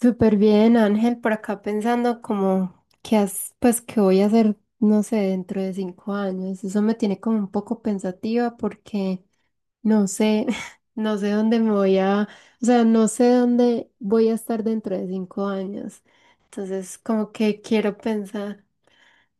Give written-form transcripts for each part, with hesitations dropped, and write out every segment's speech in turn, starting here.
Súper bien, Ángel, por acá pensando como pues qué voy a hacer, no sé, dentro de 5 años. Eso me tiene como un poco pensativa porque no sé, no sé dónde me voy a, o sea, no sé dónde voy a estar dentro de 5 años. Entonces, como que quiero pensar,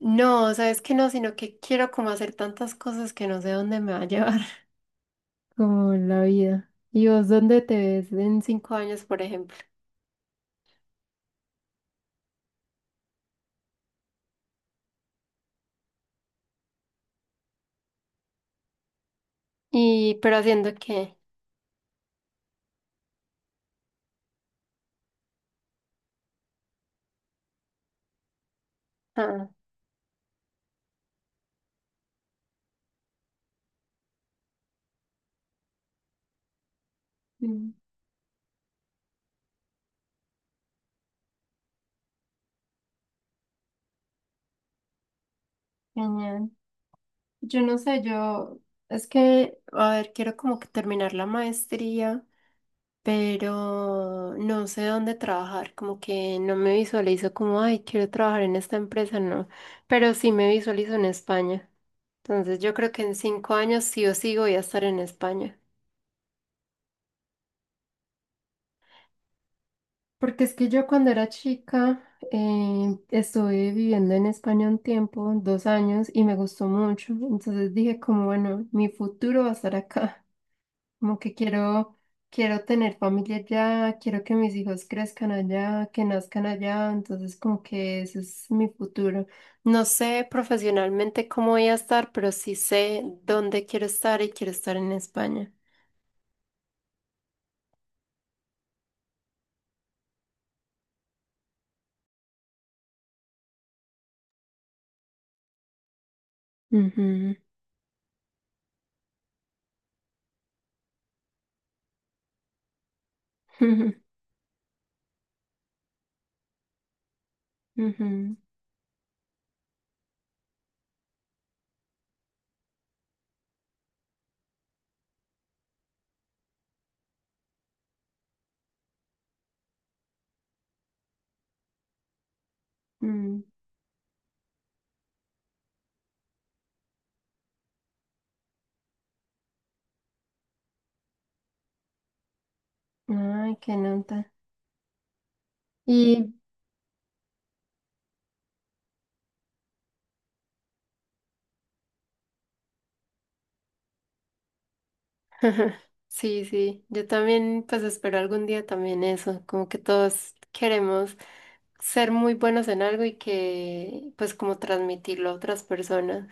no, sabes que no, sino que quiero como hacer tantas cosas que no sé dónde me va a llevar, como la vida. ¿Y vos dónde te ves en 5 años, por ejemplo? ¿Pero haciendo qué? Ah. Mm. Genial. Yo no sé, yo es que, a ver, quiero como que terminar la maestría, pero no sé dónde trabajar, como que no me visualizo como, ay, quiero trabajar en esta empresa, no, pero sí me visualizo en España. Entonces yo creo que en 5 años sí o sí voy a estar en España. Porque es que yo cuando era chica estuve viviendo en España un tiempo, 2 años, y me gustó mucho. Entonces dije como, bueno, mi futuro va a estar acá. Como que quiero tener familia allá, quiero que mis hijos crezcan allá, que nazcan allá, entonces como que ese es mi futuro. No sé profesionalmente cómo voy a estar, pero sí sé dónde quiero estar y quiero estar en España. Ujú. Ujú. Ujú. Mm. Ay, qué nota. Y. Ajá. Sí, sí, yo también pues espero algún día también eso, como que todos queremos ser muy buenos en algo y que pues como transmitirlo a otras personas.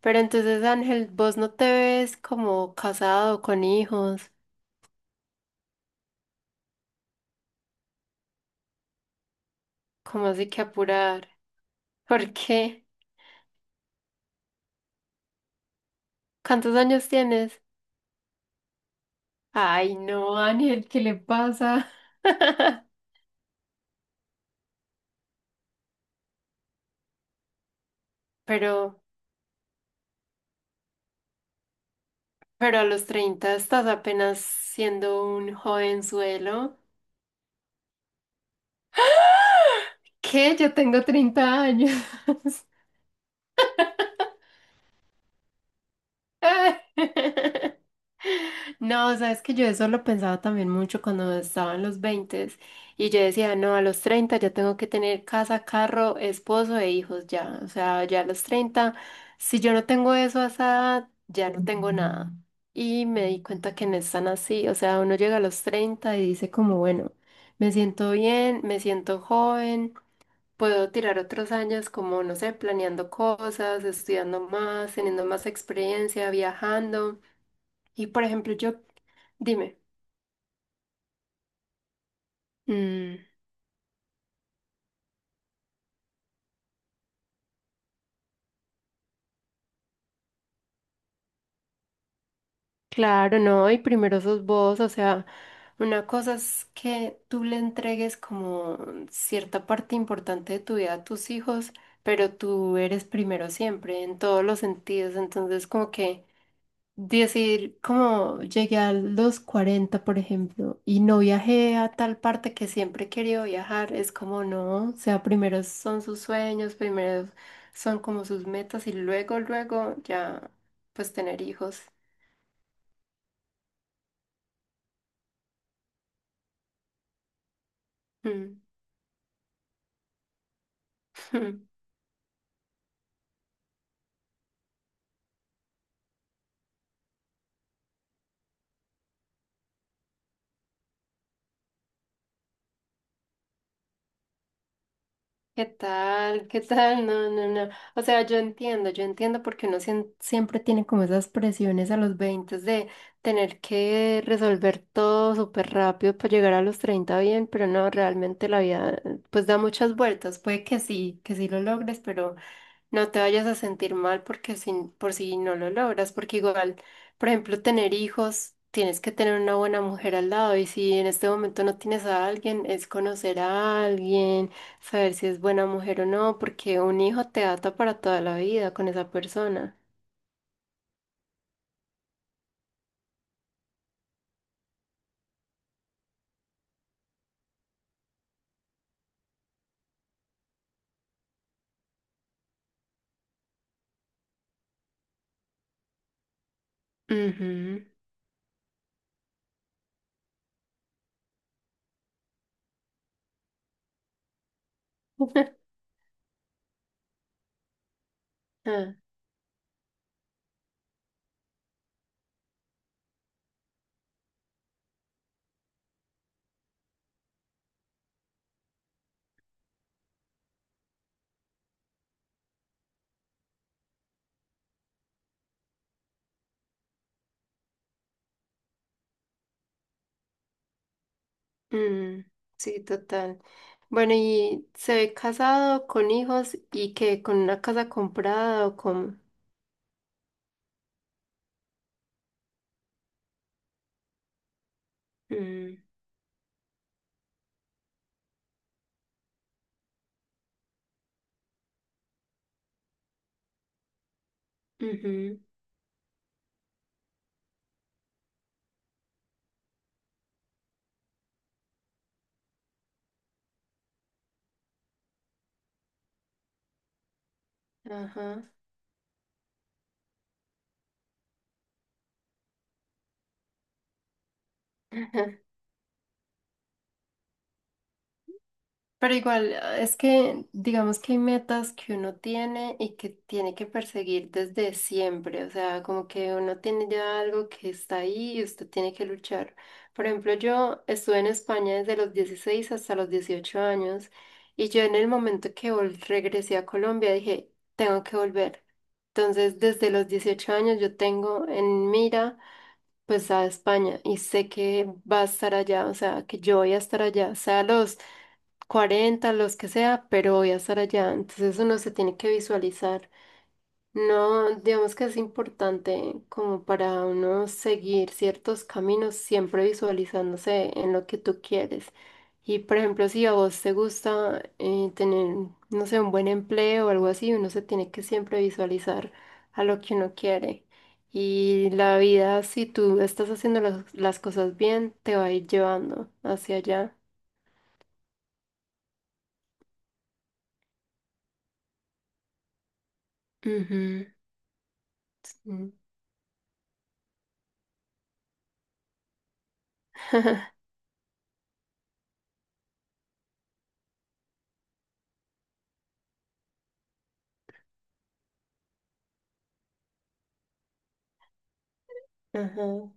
Pero entonces, Ángel, vos no te ves como casado con hijos, como así que apurar? ¿Por qué? ¿Cuántos años tienes? Ay, no, Ángel, ¿qué le pasa? Pero, pero a los 30 estás apenas siendo un jovenzuelo. ¿Qué? Yo tengo 30 años. No, sabes que yo eso lo pensaba también mucho cuando estaba en los 20 y yo decía, no, a los 30 ya tengo que tener casa, carro, esposo e hijos ya. O sea, ya a los 30, si yo no tengo eso a esa edad, ya no tengo nada. Y me di cuenta que no es tan así. O sea, uno llega a los 30 y dice como, bueno, me siento bien, me siento joven. Puedo tirar otros años como, no sé, planeando cosas, estudiando más, teniendo más experiencia, viajando. Y por ejemplo, yo, dime. Mm, claro, no, y primero sos vos, o sea, una cosa es que tú le entregues como cierta parte importante de tu vida a tus hijos, pero tú eres primero siempre, en todos los sentidos, entonces como que... Decir, como llegué a los 40 por ejemplo, y no viajé a tal parte que siempre he querido viajar, es como no, o sea, primero son sus sueños, primero son como sus metas y luego, luego ya, pues tener hijos. Mm. ¿Qué tal? ¿Qué tal? No, no, no. O sea, yo entiendo porque uno siempre tiene como esas presiones a los 20 de tener que resolver todo súper rápido para llegar a los 30 bien, pero no, realmente la vida pues da muchas vueltas. Puede que sí lo logres, pero no te vayas a sentir mal porque sin, por si no lo logras, porque igual, por ejemplo, tener hijos, tienes que tener una buena mujer al lado y si en este momento no tienes a alguien, es conocer a alguien, saber si es buena mujer o no, porque un hijo te ata para toda la vida con esa persona. Ujú. Ah, mm, sí, total. Bueno, ¿y se ve casado con hijos y que con una casa comprada o con...? Mm. Ujú. Ajá. Pero igual, ah, es que digamos que hay metas que uno tiene y que tiene que perseguir desde siempre, o sea, como que uno tiene ya algo que está ahí y usted tiene que luchar. Por ejemplo, yo estuve en España desde los 16 hasta los 18 años y yo en el momento que regresé a Colombia dije, tengo que volver. Entonces, desde los 18 años yo tengo en mira pues a España y sé que va a estar allá, o sea, que yo voy a estar allá, sea los 40 los que sea, pero voy a estar allá. Entonces uno se tiene que visualizar. No, digamos que es importante como para uno seguir ciertos caminos, siempre visualizándose en lo que tú quieres. Y por ejemplo, si a vos te gusta tener, no sé, un buen empleo o algo así, uno se tiene que siempre visualizar a lo que uno quiere. Y la vida, si tú estás haciendo las cosas bien, te va a ir llevando hacia allá. Ujú. Mm. Ajá.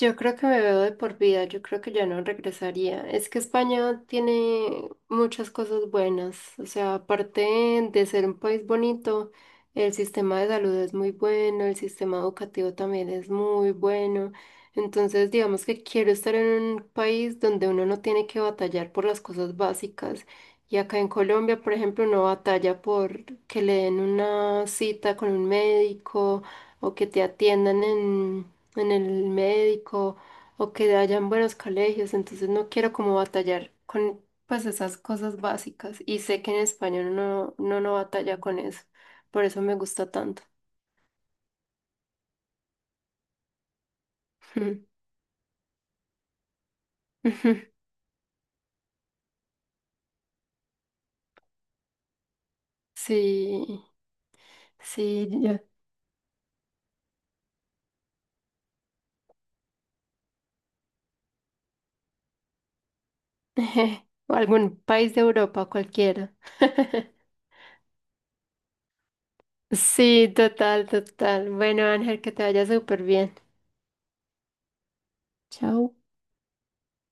Yo creo que me veo de por vida, yo creo que ya no regresaría. Es que España tiene muchas cosas buenas, o sea, aparte de ser un país bonito, el sistema de salud es muy bueno, el sistema educativo también es muy bueno. Entonces, digamos que quiero estar en un país donde uno no tiene que batallar por las cosas básicas. Y acá en Colombia, por ejemplo, uno batalla por que le den una cita con un médico o que te atiendan en el médico o que hayan buenos colegios, entonces no quiero como batallar con pues esas cosas básicas y sé que en España no, no, no batalla con eso, por eso me gusta tanto. Sí, sí, ya. O algún país de Europa, cualquiera. Sí, total, total. Bueno, Ángel, que te vaya súper bien. Chao.